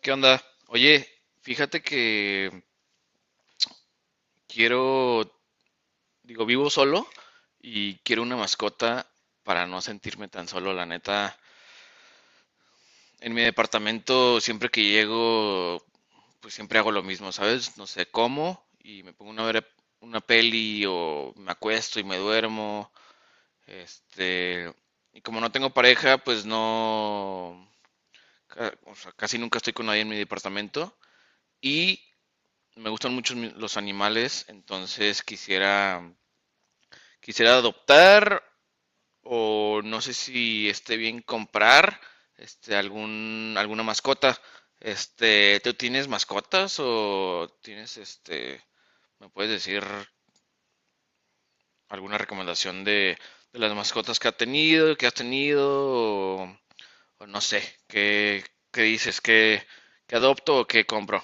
¿Qué onda? Oye, fíjate que quiero, digo, vivo solo y quiero una mascota para no sentirme tan solo, la neta. En mi departamento, siempre que llego, pues siempre hago lo mismo, ¿sabes? No sé, como y me pongo una, una peli o me acuesto y me duermo. Este, y como no tengo pareja, pues no, o sea, casi nunca estoy con nadie en mi departamento. Y me gustan mucho los animales, entonces quisiera, quisiera adoptar o no sé si esté bien comprar algún, alguna mascota. ¿Tú tienes mascotas o tienes me puedes decir alguna recomendación de las mascotas que ha tenido, que has tenido o, o no sé, qué, qué dices, qué, qué adopto o qué compro?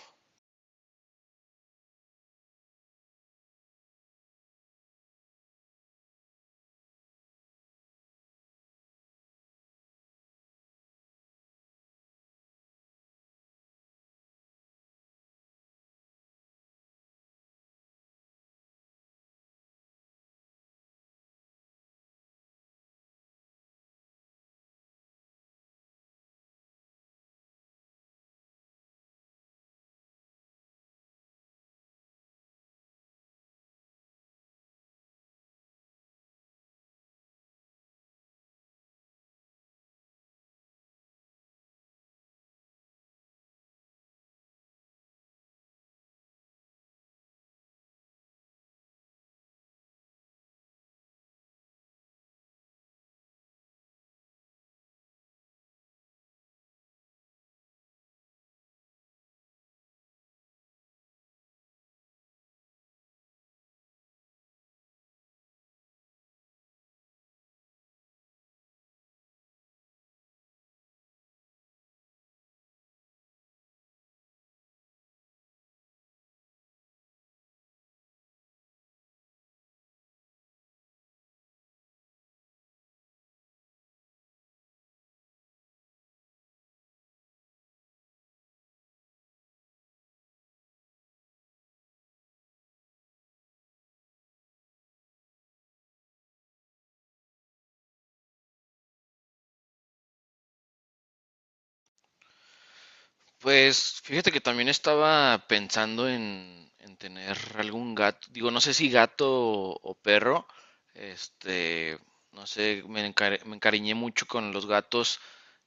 Pues fíjate que también estaba pensando en tener algún gato, digo, no sé si gato o perro, este, no sé, me, me encariñé mucho con los gatos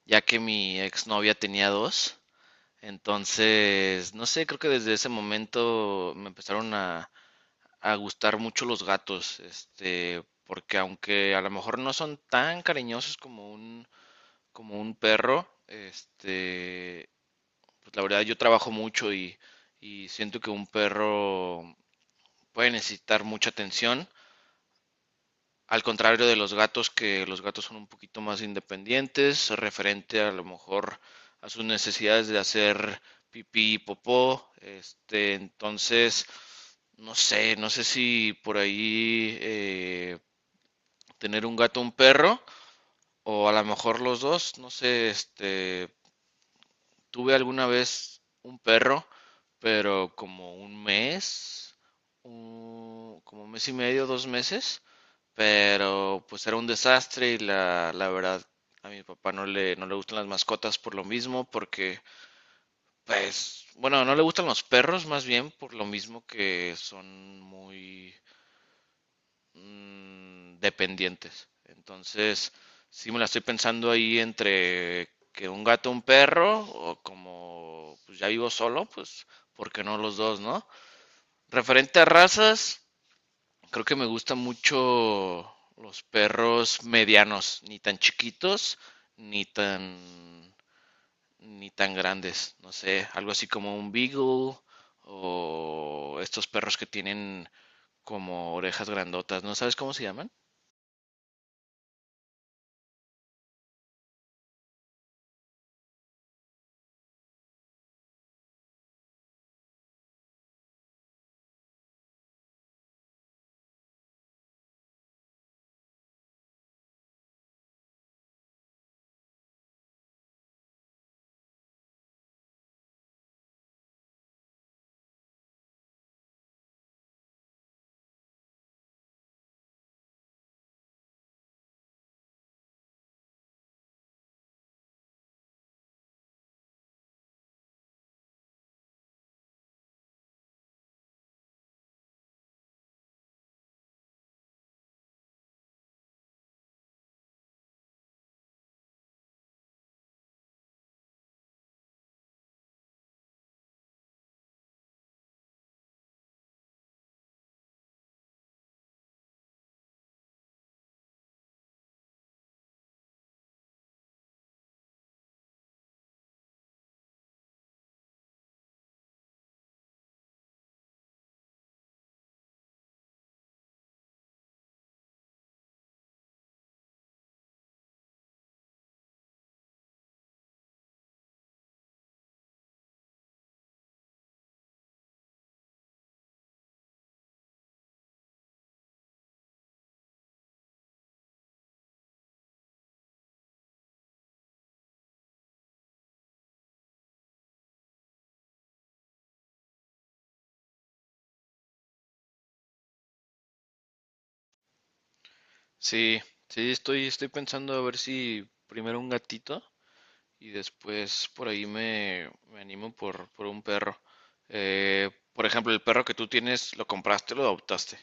ya que mi exnovia tenía dos, entonces, no sé, creo que desde ese momento me empezaron a gustar mucho los gatos, porque aunque a lo mejor no son tan cariñosos como un perro, pues la verdad yo trabajo mucho y siento que un perro puede necesitar mucha atención, al contrario de los gatos, que los gatos son un poquito más independientes, referente a lo mejor a sus necesidades de hacer pipí y popó, entonces, no sé, no sé si por ahí tener un gato o un perro, o a lo mejor los dos, no sé, tuve alguna vez un perro, pero como un mes, como un mes y medio, dos meses, pero pues era un desastre y la verdad a mi papá no le, no le gustan las mascotas por lo mismo, porque pues, bueno, no le gustan los perros más bien por lo mismo que son muy dependientes. Entonces, sí me la estoy pensando ahí entre que un gato, un perro, o como pues ya vivo solo, pues, ¿por qué no los dos, no? Referente a razas, creo que me gustan mucho los perros medianos, ni tan chiquitos, ni tan, ni tan grandes. No sé, algo así como un beagle o estos perros que tienen como orejas grandotas. ¿No sabes cómo se llaman? Sí, sí, estoy, estoy pensando a ver si primero un gatito y después por ahí me, me animo por un perro. Por ejemplo, el perro que tú tienes, ¿lo compraste o lo adoptaste?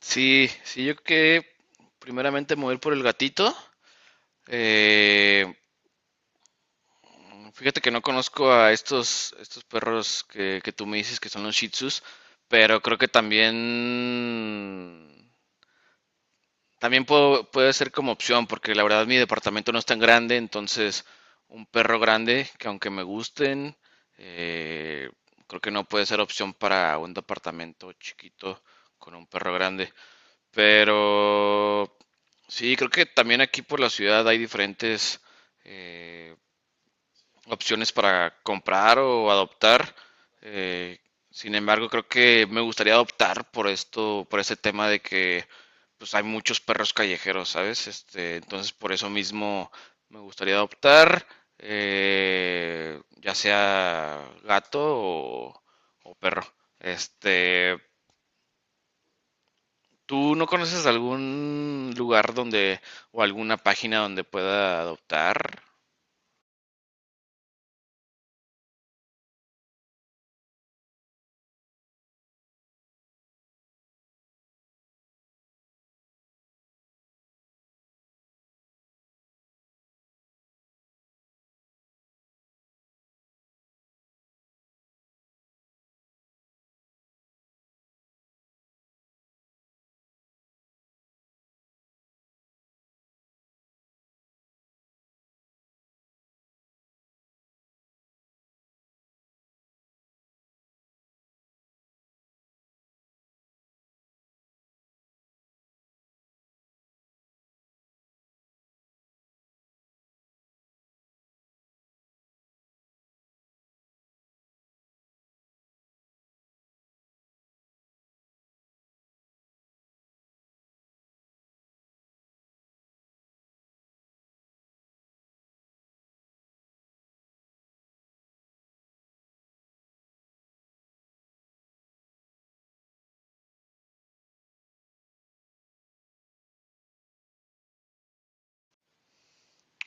Sí, sí, yo creo que primeramente mover por el gatito. Eh, Fíjate que no conozco a estos, estos perros que tú me dices que son los Shih Tzus, pero creo que también también puede ser como opción, porque la verdad mi departamento no es tan grande, entonces un perro grande, que aunque me gusten, eh, creo que no puede ser opción para un departamento chiquito con un perro grande. Pero sí, creo que también aquí por la ciudad hay diferentes eh, opciones para comprar o adoptar. Eh, Sin embargo, creo que me gustaría adoptar por esto, por este tema de que pues hay muchos perros callejeros, ¿sabes? Entonces por eso mismo me gustaría adoptar, ya sea gato o perro. Este, ¿Tú no conoces algún lugar donde o alguna página donde pueda adoptar?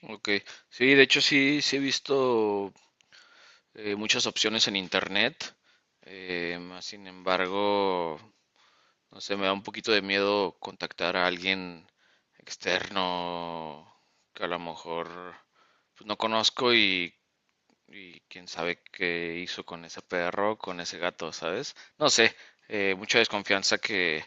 Ok, sí, de hecho sí, sí he visto muchas opciones en internet. Más sin embargo, no sé, me da un poquito de miedo contactar a alguien externo que a lo mejor pues, no conozco y quién sabe qué hizo con ese perro, con ese gato, ¿sabes? No sé, mucha desconfianza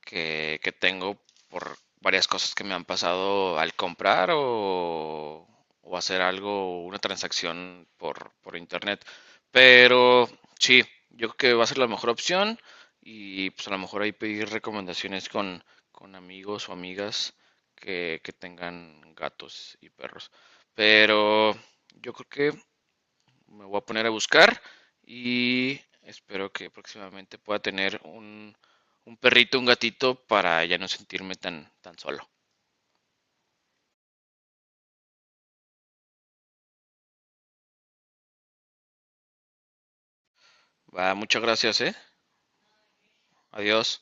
que tengo por varias cosas que me han pasado al comprar o hacer algo, una transacción por internet. Pero sí, yo creo que va a ser la mejor opción y pues a lo mejor ahí pedir recomendaciones con amigos o amigas que tengan gatos y perros. Pero yo creo que me voy a poner a buscar y espero que próximamente pueda tener un perrito, un gatito para ya no sentirme tan, tan solo. Va, muchas gracias, ¿eh? Adiós.